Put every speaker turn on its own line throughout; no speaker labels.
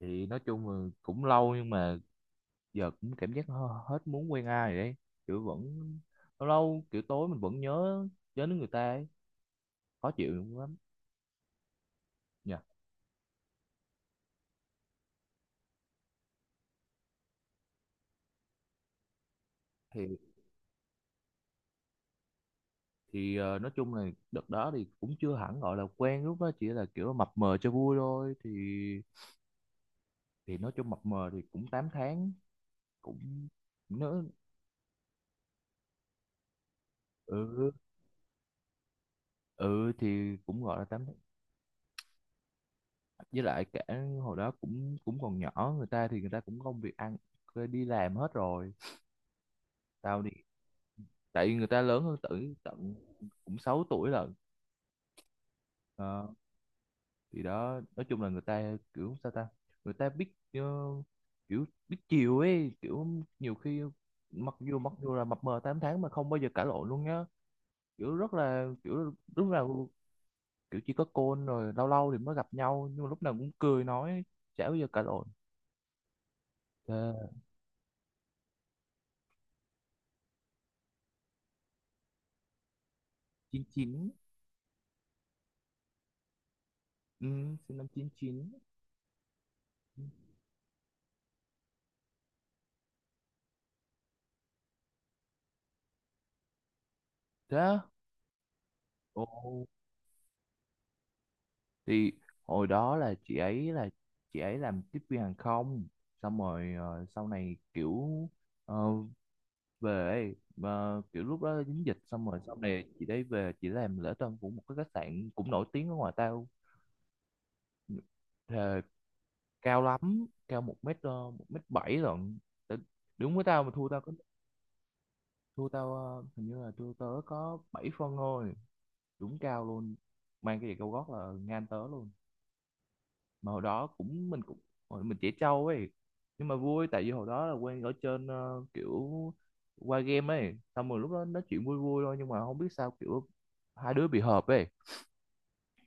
Thì nói chung là cũng lâu nhưng mà giờ cũng cảm giác hết muốn quen ai rồi đấy. Kiểu vẫn lâu lâu kiểu tối mình vẫn nhớ nhớ đến người ta ấy. Khó chịu lắm nha. thì nói chung là đợt đó thì cũng chưa hẳn gọi là quen, lúc đó chỉ là kiểu mập mờ cho vui thôi. Thì nói chung mập mờ thì cũng 8 tháng, cũng nó... ừ, ừ thì cũng gọi là 8 tháng. Với lại cả hồi đó cũng cũng còn nhỏ, người ta thì người ta cũng công việc ăn, đi làm hết rồi. Tao đi, tại vì người ta lớn hơn tử tận cũng 6 tuổi lận. Ờ, thì đó nói chung là người ta kiểu sao ta, người ta biết kiểu biết chiều ấy, kiểu nhiều khi mặc dù là mập mờ 8 tháng mà không bao giờ cãi lộn luôn nhá. Kiểu rất là kiểu lúc nào, kiểu chỉ có côn rồi lâu lâu thì mới gặp nhau nhưng mà lúc nào cũng cười nói, chả bao giờ cãi lộn. Ờ, chín chín. Ừ, sinh năm chín chín. Thế á? Ồ. Thì hồi đó là chị ấy làm tiếp viên hàng không, xong rồi sau này kiểu ờ, về, kiểu lúc đó dính dịch, xong rồi sau này chị ấy về chị làm lễ tân của một cái khách sạn cũng nổi tiếng ở ngoài tao. Thề, cao lắm, cao một mét 1m7 lận. Tại- đúng với tao mà thua tao hình như là thua tớ có 7 phân thôi, đúng cao luôn. Mang cái giày cao gót là ngang tớ luôn. Mà hồi đó cũng hồi mình trẻ trâu ấy, nhưng mà vui. Tại vì hồi đó là quen ở trên, kiểu qua game ấy, xong rồi lúc đó nói chuyện vui vui thôi, nhưng mà không biết sao kiểu hai đứa bị hợp ấy,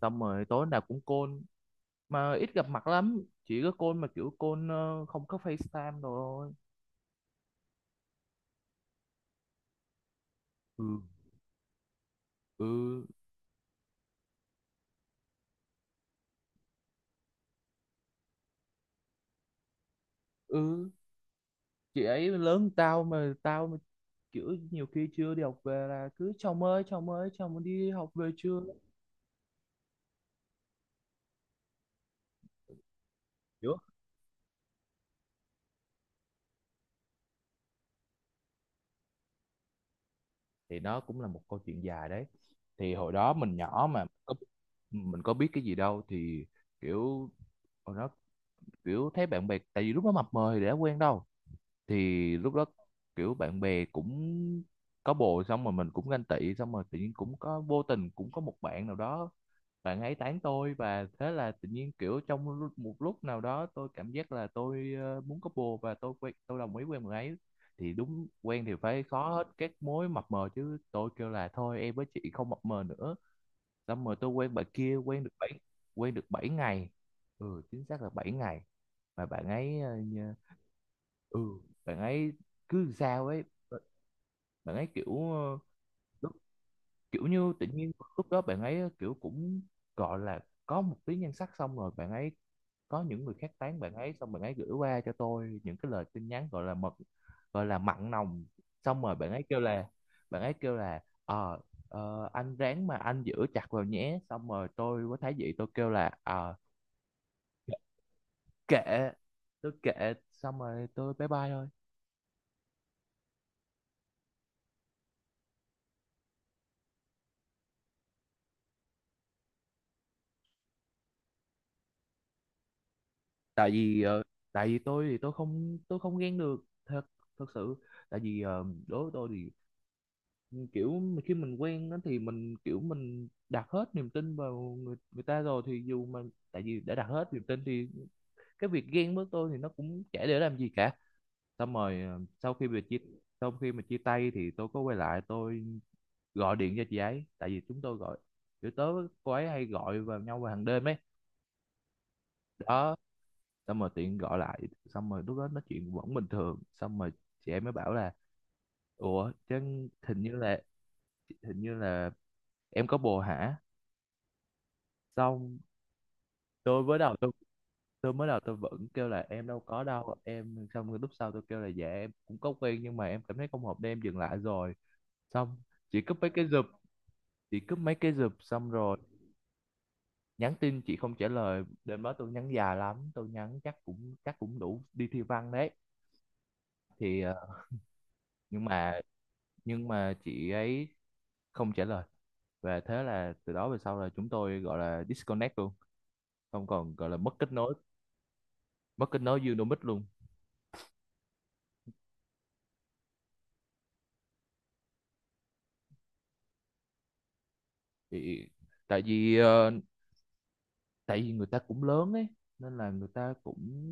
xong rồi tối nào cũng call. Mà ít gặp mặt lắm, chỉ có call, mà kiểu call không có FaceTime đồ thôi. Ừ, ừ, ừ. Chị ấy lớn hơn tao mà kiểu nhiều khi chưa đi học về là cứ chồng ơi chồng ơi, chồng đi học về chưa. Hiểu. Thì nó cũng là một câu chuyện dài đấy. Thì hồi đó mình nhỏ mà mình có biết cái gì đâu. Thì kiểu hồi đó kiểu thấy bạn bè, tại vì lúc đó mập mờ thì đã quen đâu. Thì lúc đó kiểu bạn bè cũng có bồ, xong rồi mình cũng ganh tị, xong rồi tự nhiên cũng có, vô tình cũng có một bạn nào đó, bạn ấy tán tôi. Và thế là tự nhiên kiểu trong một lúc nào đó tôi cảm giác là tôi muốn có bồ, và tôi quen tôi đồng ý quen bạn ấy. Thì đúng quen thì phải khó hết các mối mập mờ chứ, tôi kêu là thôi em với chị không mập mờ nữa. Xong rồi tôi quen bạn kia, quen được 7 ngày, ừ, chính xác là 7 ngày. Mà bạn ấy ừ, bạn ấy cứ sao ấy. Bạn ấy kiểu kiểu như tự nhiên lúc đó bạn ấy kiểu cũng gọi là có một tí nhan sắc, xong rồi bạn ấy có những người khác tán bạn ấy, xong bạn ấy gửi qua cho tôi những cái lời tin nhắn gọi là mật, gọi là mặn nồng. Xong rồi bạn ấy kêu là anh ráng mà anh giữ chặt vào nhé. Xong rồi tôi với Thái Dị tôi kêu là ờ, kệ, tôi kệ, xong rồi tôi bye bye thôi. tại vì ờ, tại vì tôi thì tôi không ghen được thật, thật sự. Tại vì đối với tôi thì kiểu khi mình quen á thì mình kiểu mình đặt hết niềm tin vào người người ta rồi, thì dù mà, tại vì đã đặt hết niềm tin thì cái việc ghen với tôi thì nó cũng chả để làm gì cả. Xong rồi sau khi mà chia tay thì tôi có quay lại, tôi gọi điện cho chị ấy. Tại vì chúng tôi gọi, kiểu tớ với cô ấy hay gọi vào nhau vào hàng đêm ấy. Đó, xong rồi tiện gọi lại, xong rồi lúc đó nói chuyện vẫn bình thường, xong rồi chị ấy mới bảo là ủa chứ hình như là, hình như là em có bồ hả. Xong tôi mới đầu tôi tôi mới đầu tôi vẫn kêu là em đâu có đâu em, xong rồi lúc sau tôi kêu là dạ em cũng có quen nhưng mà em cảm thấy không hợp nên em dừng lại rồi. Xong chị cúp mấy cái giùm chị cúp mấy cái giùm, xong rồi nhắn tin chị không trả lời. Đêm đó tôi nhắn dài lắm, tôi nhắn chắc cũng đủ đi thi văn đấy. Thì nhưng mà chị ấy không trả lời. Và thế là từ đó về sau là chúng tôi gọi là disconnect luôn, không còn, gọi là mất kết nối, mất kết nối Unimix luôn. Thì tại vì tại vì người ta cũng lớn ấy nên là người ta cũng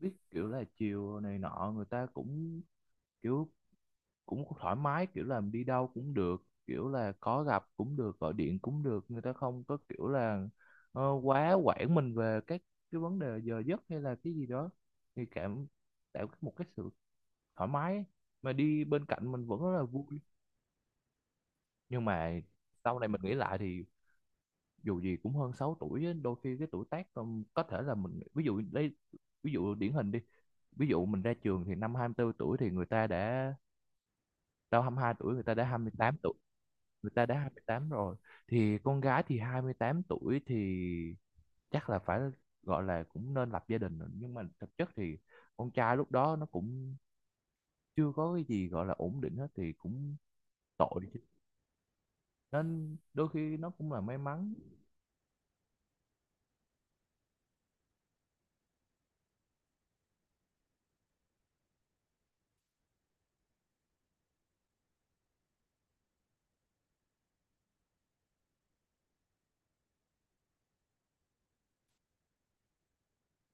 biết kiểu là chiều này nọ, người ta cũng kiểu cũng thoải mái, kiểu là đi đâu cũng được, kiểu là có gặp cũng được, gọi điện cũng được. Người ta không có kiểu là quá quản mình về các cái vấn đề giờ giấc hay là cái gì đó, thì cảm, tạo một cái sự thoải mái ấy. Mà đi bên cạnh mình vẫn rất là vui. Nhưng mà sau này mình nghĩ lại thì dù gì cũng hơn 6 tuổi á, đôi khi cái tuổi tác, có thể là mình ví dụ đây, ví dụ điển hình đi. Ví dụ mình ra trường thì năm 24 tuổi thì người ta đã, tao 22 tuổi người ta đã 28 tuổi, người ta đã 28 rồi. Thì con gái thì 28 tuổi thì chắc là phải gọi là cũng nên lập gia đình rồi, nhưng mà thực chất thì con trai lúc đó nó cũng chưa có cái gì gọi là ổn định hết thì cũng tội chứ. Nên đôi khi nó cũng là may mắn.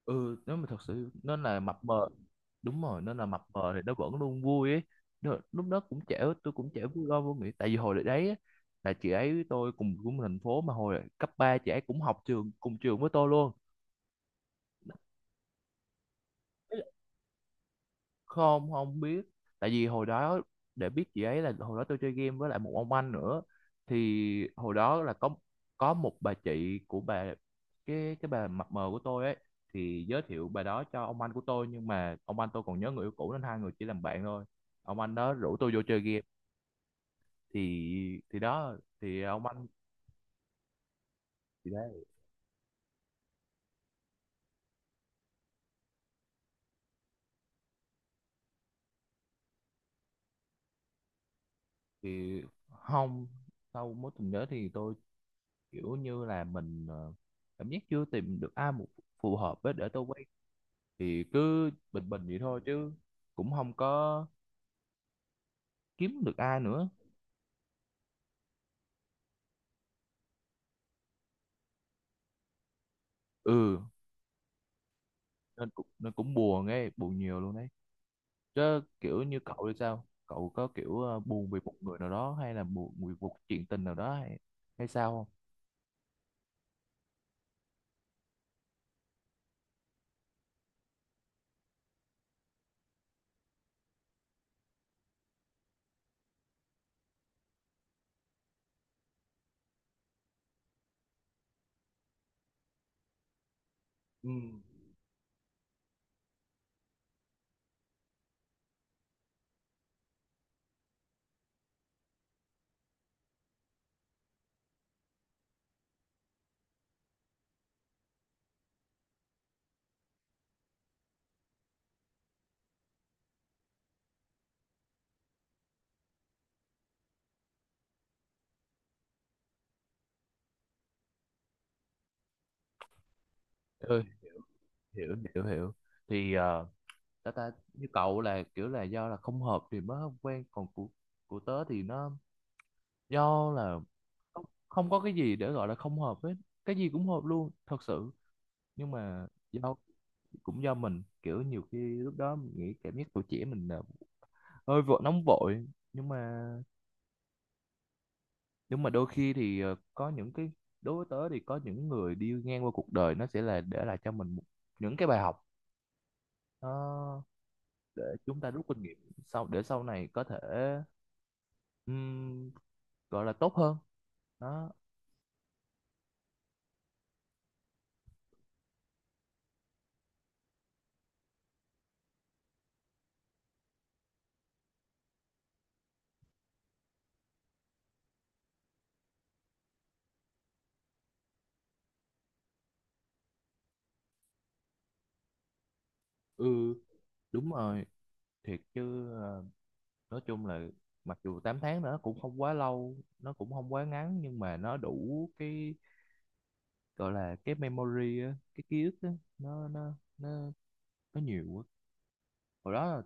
Ừ, nếu mà thật sự nó là mập mờ. Đúng rồi, nó là mập mờ thì nó vẫn luôn vui ấy. Nó, lúc đó cũng trẻ, tôi cũng trẻ, vui lo vô nghĩ. Tại vì hồi đấy á, là chị ấy với tôi cùng cùng thành phố, mà hồi cấp 3 chị ấy cũng học trường cùng trường với tôi luôn. Không, không biết. Tại vì hồi đó để biết chị ấy là hồi đó tôi chơi game với lại một ông anh nữa. Thì hồi đó là có một bà chị của bà, cái bà mập mờ của tôi ấy, thì giới thiệu bà đó cho ông anh của tôi, nhưng mà ông anh tôi còn nhớ người yêu cũ nên hai người chỉ làm bạn thôi. Ông anh đó rủ tôi vô chơi game. Thì đó thì ông anh, thì đấy. Thì không, sau mối tình đó thì tôi kiểu như là mình cảm giác chưa tìm được ai phù hợp với để tôi, thì cứ bình bình vậy thôi chứ cũng không có kiếm được ai nữa. Ừ, nên cũng buồn ấy, buồn nhiều luôn đấy. Chứ kiểu như cậu thì sao, cậu có kiểu buồn vì một người nào đó hay là buồn vì một chuyện tình nào đó hay, hay sao không? Ừ. Ừ, hiểu hiểu hiểu hiểu. Thì ta ta như cậu là kiểu là do là không hợp thì mới không quen, còn của tớ thì nó do là không, không có cái gì để gọi là không hợp hết, cái gì cũng hợp luôn thật sự, nhưng mà do cũng do mình kiểu nhiều khi lúc đó mình nghĩ cảm giác tuổi trẻ mình là hơi vội nóng vội. Nhưng mà đôi khi thì có những cái, đối với tớ thì có những người đi ngang qua cuộc đời nó sẽ là để lại cho mình một, những cái bài học, nó để chúng ta rút kinh nghiệm sau, để sau này có thể ừm, gọi là tốt hơn. Đó. Ừ, đúng rồi. Thiệt chứ nói chung là mặc dù 8 tháng nữa cũng không quá lâu, nó cũng không quá ngắn, nhưng mà nó đủ cái gọi là cái memory á, cái ký ức á, nó nó nhiều quá. Hồi đó là,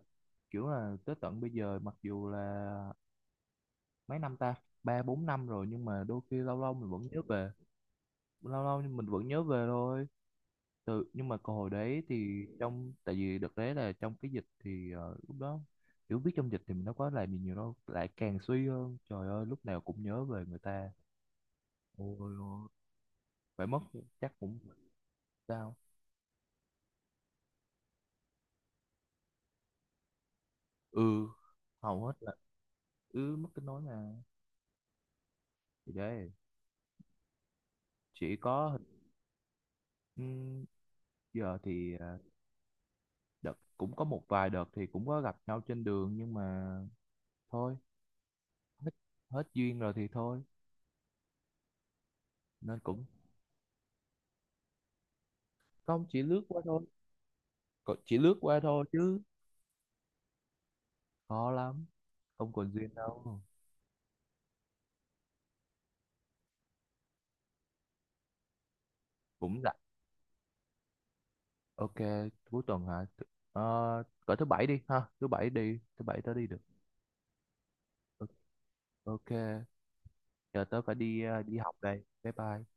kiểu là tới tận bây giờ mặc dù là mấy năm ta, 3-4 năm rồi, nhưng mà đôi khi lâu lâu mình vẫn nhớ về lâu lâu mình vẫn nhớ về thôi. Từ, nhưng mà còn hồi đấy thì trong, tại vì đợt đấy là trong cái dịch thì lúc đó kiểu biết trong dịch thì mình đâu có làm gì nhiều đâu, lại càng suy hơn, trời ơi lúc nào cũng nhớ về người ta. Ôi ôi. Phải mất chắc cũng, sao? Ừ, hầu hết là, ừ, mất kết nối mà. Thì đấy, chỉ có ừm, giờ thì đợt cũng có một vài đợt thì cũng có gặp nhau trên đường nhưng mà thôi, hết, hết duyên rồi thì thôi, nên cũng không, chỉ lướt qua thôi. Còn chỉ lướt qua thôi chứ khó lắm, không còn duyên đâu. Cũng rảnh. Ok. Cuối tuần hả? Ờ, cỡ thứ bảy đi ha, thứ bảy tớ đi được. Ok. Giờ tớ phải đi đi học đây, bye bye.